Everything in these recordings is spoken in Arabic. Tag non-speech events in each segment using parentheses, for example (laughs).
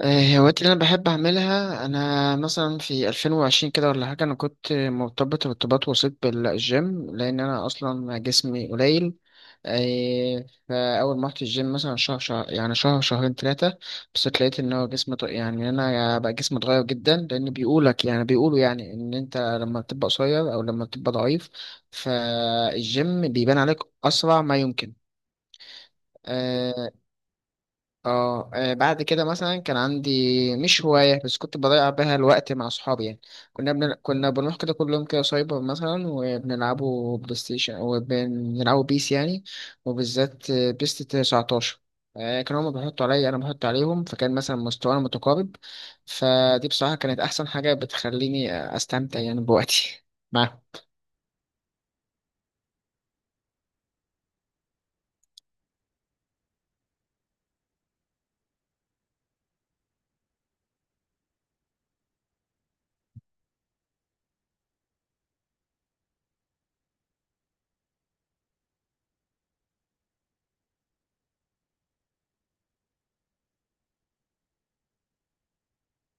الهوايات اللي انا بحب اعملها انا مثلا في 2020 كده ولا حاجه. انا كنت مرتبط ارتباط وسيط بالجيم لان انا اصلا جسمي قليل. فاول ما رحت الجيم مثلا شهر شهر يعني شهر شهرين ثلاثه. بس لقيت ان هو جسمي يعني انا بقى جسمي اتغير جدا، لان بيقولك يعني بيقولوا يعني ان انت لما بتبقى قصير او لما بتبقى ضعيف فالجيم بيبان عليك اسرع ما يمكن. آه، بعد كده مثلا كان عندي مش هواية بس كنت بضيع بيها الوقت مع صحابي يعني. كنا بنروح كده كل يوم كده سايبر مثلا، وبنلعبوا بلاي ستيشن وبنلعبوا بيس يعني، وبالذات بيس 19. كانوا هما بيحطوا عليا أنا بحط عليهم، فكان مثلا مستوانا متقارب. فدي بصراحة كانت أحسن حاجة بتخليني أستمتع يعني بوقتي (laughs) معاهم.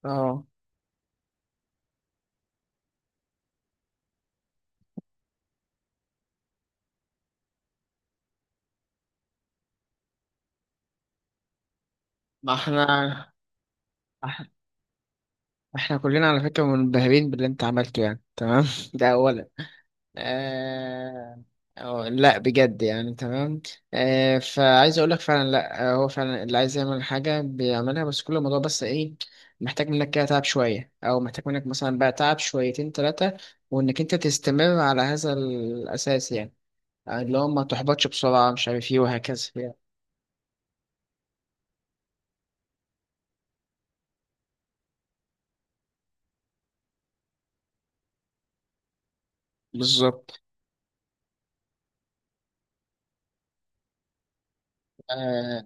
اه. ما احنا احنا كلنا على فكرة منبهرين باللي انت عملته، يعني تمام (laughs) ده أولا. آه... أو لا، بجد يعني تمام. فعايز اقول لك فعلا. لا، هو فعلا اللي عايز يعمل حاجه بيعملها، بس كل الموضوع بس ايه، محتاج منك كده تعب شويه، او محتاج منك مثلا بقى تعب شويتين ثلاثه، وانك انت تستمر على هذا الاساس يعني. اللي هو ما تحبطش بسرعه، مش عارف ايه وهكذا يعني. بالظبط. آه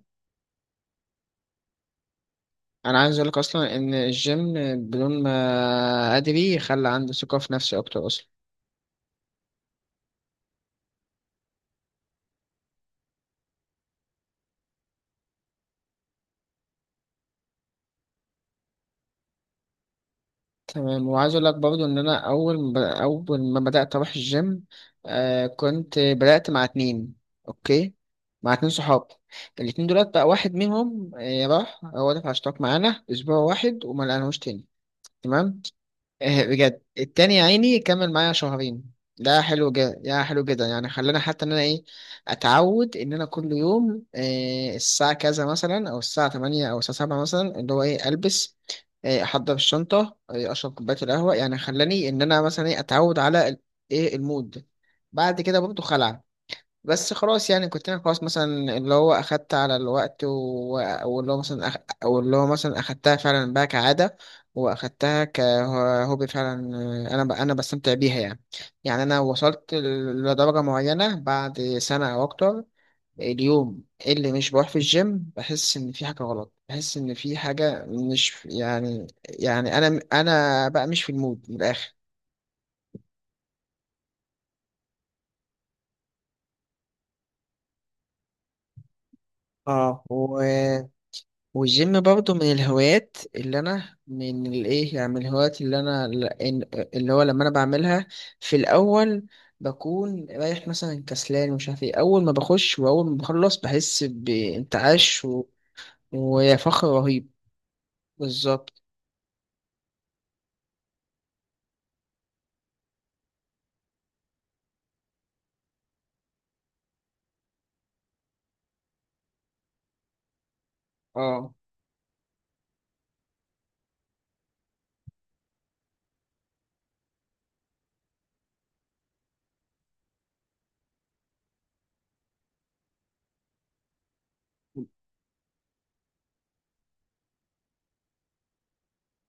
انا عايز اقول لك اصلا ان الجيم، بدون ما ادري، خلى عندي ثقه في نفسي اكتر اصلا. تمام. وعايز اقول لك برضو ان انا اول ما بدات اروح الجيم كنت بدات مع اتنين. اوكي. مع اتنين صحاب، الاتنين دولت بقى واحد منهم راح، هو دفع اشتراك معانا اسبوع واحد وما لقيناهوش تاني. تمام. إيه بجد، التاني يا عيني كمل معايا شهرين، ده حلو جدا يا حلو جدا. يعني خلاني حتى ان انا ايه، اتعود ان انا كل يوم إيه الساعة كذا مثلا، او الساعة 8 او الساعة 7 مثلا، اللي هو ايه البس، إيه احضر الشنطة، إيه اشرب كوباية القهوة. يعني خلاني ان انا مثلا ايه اتعود على ايه المود. بعد كده برضه خلع، بس خلاص. يعني كنت انا خلاص مثلا اللي هو اخدت على الوقت. واللي هو مثلا. او اللي هو مثلا اخدتها فعلا بقى كعادة، واخدتها كهوبي فعلا. انا بستمتع بيها يعني. يعني انا وصلت لدرجة معينة بعد سنة او اكتر. اليوم اللي مش بروح في الجيم بحس ان في حاجة غلط، بحس ان في حاجة مش يعني، يعني انا بقى مش في المود من الاخر. اه و... والجيم برضه من الهوايات اللي انا من الايه، يعني من الهوايات اللي انا اللي هو لما انا بعملها في الاول بكون رايح مثلا كسلان ومش عارف ايه، اول ما بخش واول ما بخلص بحس بانتعاش وفخر رهيب. بالظبط. اه،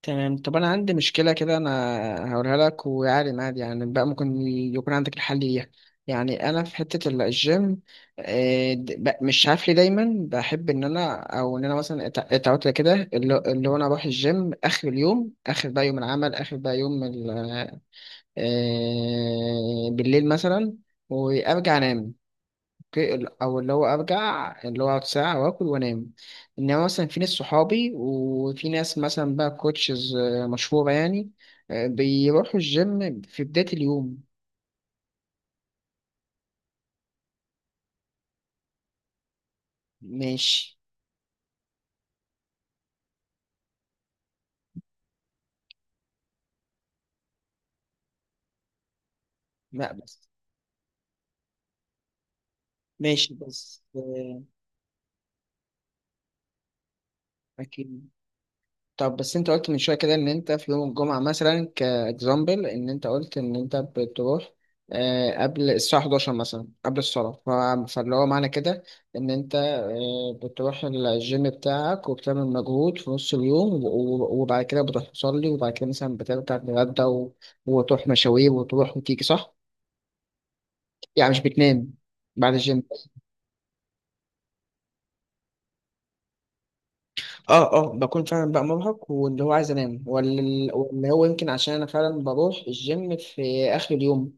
تمام. طب انا عندي مشكله كده، انا هقولها لك، ويعني عادي، يعني بقى ممكن يكون عندك الحل ليها. يعني انا في حته الجيم، مش عارف ليه دايما بحب ان انا، او ان انا مثلا اتعودت كده، اللي هو انا اروح الجيم اخر اليوم، اخر بقى يوم العمل، اخر بقى يوم بالليل مثلا، وارجع انام. اوكي. او اللي هو ارجع، اللي هو اقعد ساعه واكل وانام. انما مثلا في ناس صحابي وفي ناس مثلا بقى كوتشز مشهوره يعني، بيروحوا الجيم في بدايه اليوم. ماشي. لا بس. ماشي بس اكيد. طب بس انت قلت من شويه كده ان انت في يوم الجمعه مثلا كاكزامبل، ان انت قلت ان انت بتروح قبل الساعه 11 مثلا، قبل الصلاه، فاللي هو معنى كده ان انت بتروح الجيم بتاعك وبتعمل مجهود في نص اليوم، وبعد كده بتروح تصلي، وبعد كده مثلا بترجع تتغدى، و- وتروح مشاوير وتروح وتيجي، صح؟ يعني مش بتنام بعد الجيم. اه، اه، بكون فعلا بقى مرهق، واللي هو عايز انام، واللي هو يمكن عشان انا فعلا بروح الجيم في اخر اليوم.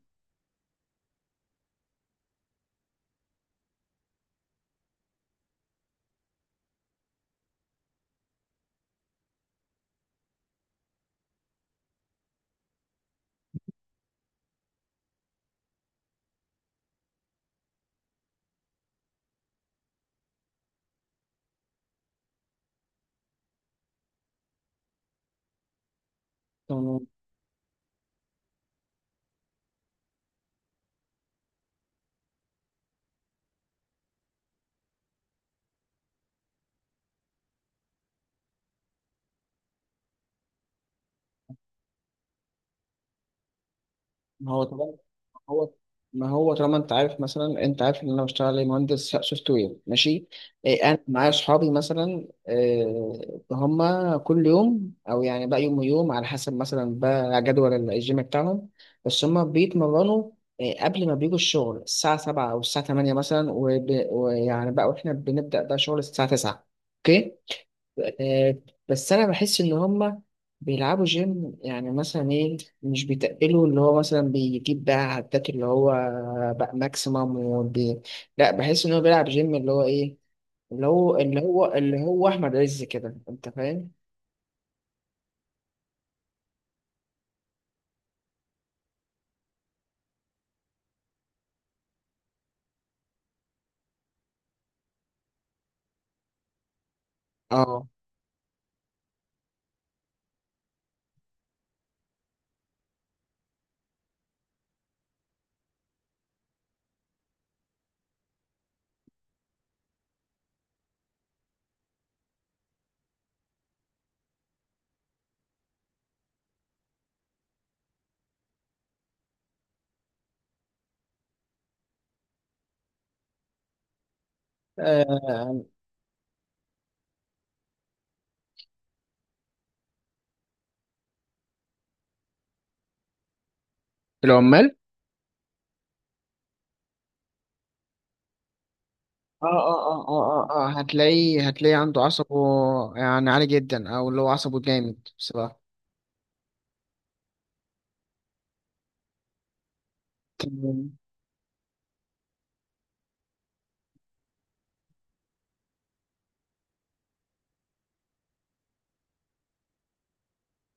تمام. ما هو طبعا. هو ما هو طالما انت عارف مثلا، انت عارف ان انا بشتغل ايه، مهندس سوفت وير. ماشي. إيه، انا معايا اصحابي مثلا إيه، هم كل يوم او يعني بقى يوم ويوم على حسب مثلا بقى جدول الجيم بتاعهم، بس هم بيتمرنوا إيه، قبل ما بيجوا الشغل الساعة 7 أو الساعة 8 مثلا، ويعني بقى، وإحنا بنبدأ بقى شغل الساعة 9. أوكي. آه، بس انا بحس ان هما بيلعبوا جيم يعني مثلا ايه، مش بيتقلوا، اللي هو مثلا بيجيب بقى عدات اللي هو بقى ماكسيمم لا، بحس ان هو بيلعب جيم اللي هو ايه، اللي هو احمد عز كده، انت فاهم. اه، اه. العمال. اه، اه، اه، اه، اه، هتلاقيه عنده عصبه يعني عالي جدا، او اللي هو عصبه جامد. بصراحة.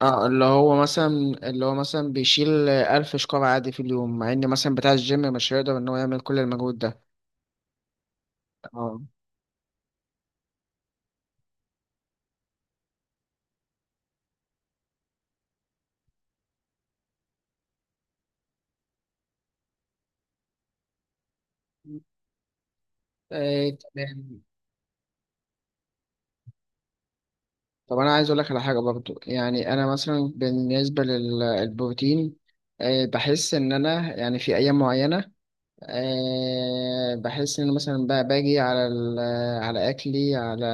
اه. اللي هو مثلا بيشيل ألف شكارة عادي في اليوم، مع إن مثلا بتاع الجيم مش هيقدر إن هو يعمل كل المجهود ده. اه. تمام. طب أنا عايز أقول لك على حاجة برضو، يعني أنا مثلا بالنسبة للبروتين بحس إن أنا يعني في أيام معينة بحس إن مثلا بقى باجي على أكلي، على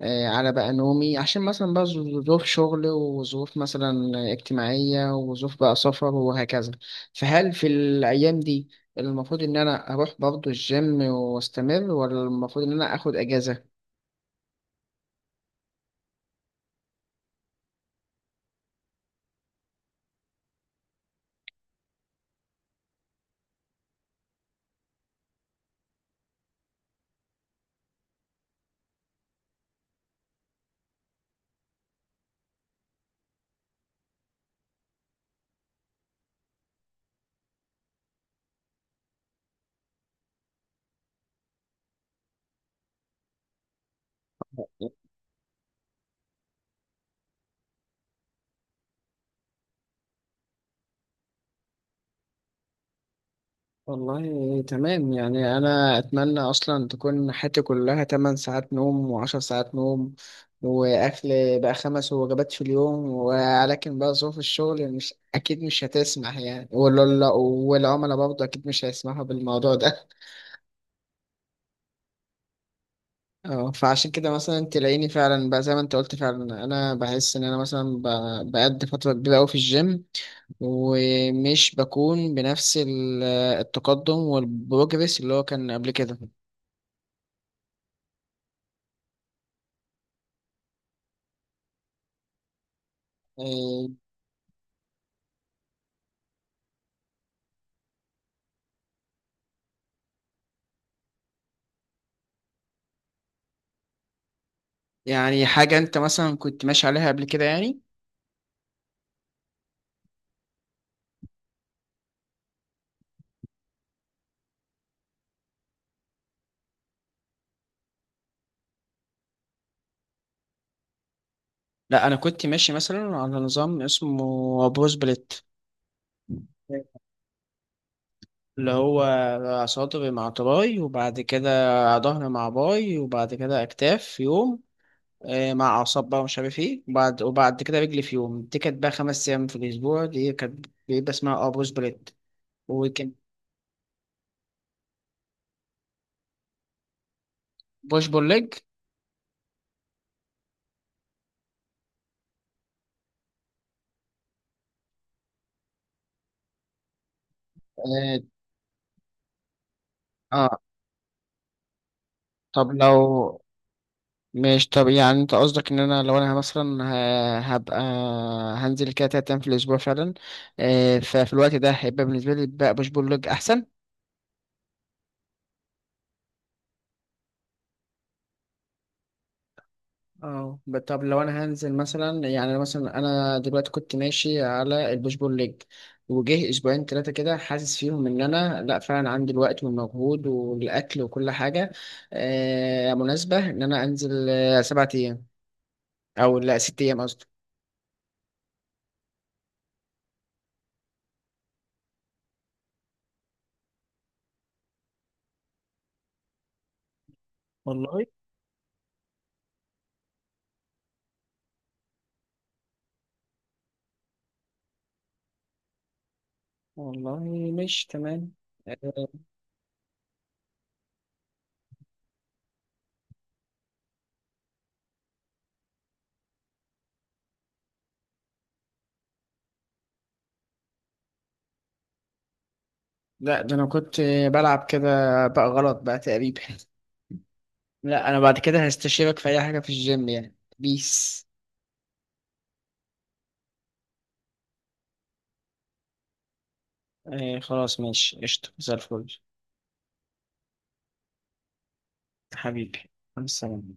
أه على بقى نومي، عشان مثلا بقى ظروف شغل وظروف مثلا اجتماعية، وظروف بقى سفر وهكذا. فهل في الأيام دي المفروض إن أنا أروح برضه الجيم وأستمر، ولا المفروض إن أنا أخد أجازة؟ والله تمام. يعني أنا أتمنى أصلا تكون حياتي كلها 8 ساعات نوم و10 ساعات نوم، وأكل بقى 5 وجبات في اليوم، ولكن بقى ظروف الشغل مش أكيد مش هتسمح يعني، ولا والعملاء برضه أكيد مش هيسمحوا بالموضوع ده. (laughs) اه، فعشان كده مثلا تلاقيني فعلا بقى زي ما أنت قلت فعلا، أنا بحس إن أنا مثلا بقضي فترة كبيرة أوي في الجيم، ومش بكون بنفس التقدم والبروجرس اللي هو كان قبل كده. آه، يعني حاجة انت مثلا كنت ماشي عليها قبل كده يعني. لا، انا كنت ماشي مثلا على نظام اسمه بروز بليت، اللي هو صدري مع تراي، وبعد كده ظهر مع باي، وبعد كده اكتاف في يوم مع اعصاب بقى مش عارف ايه، وبعد كده رجلي في يوم. دي كانت بقى 5 ايام في الاسبوع، دي كانت بيبقى اسمها بروز بليت. وكان بوش بول ليج. اه. آه، طب لو ماشي. طب يعني انت قصدك ان انا لو انا مثلا هبقى هنزل كده 3 ايام في الاسبوع فعلا، ففي الوقت ده هيبقى بالنسبه لي بقى بوش بول ليج احسن. اه، طب لو انا هنزل مثلا، يعني مثلا انا دلوقتي كنت ماشي على البوش بول ليج، وجه اسبوعين ثلاثه كده حاسس فيهم ان انا لا، فعلا عندي الوقت والمجهود والاكل وكل حاجه مناسبه، ان انا انزل 7 ايام، او لا، 6 ايام قصدي. والله. والله مش تمام. آه، لا، ده انا كنت بلعب كده بقى غلط بقى تقريبا. لا، انا بعد كده هستشيرك في اي حاجة في الجيم يعني بيس. خلاص ماشي، قشطة زي الفل. حبيبي. مع السلامة.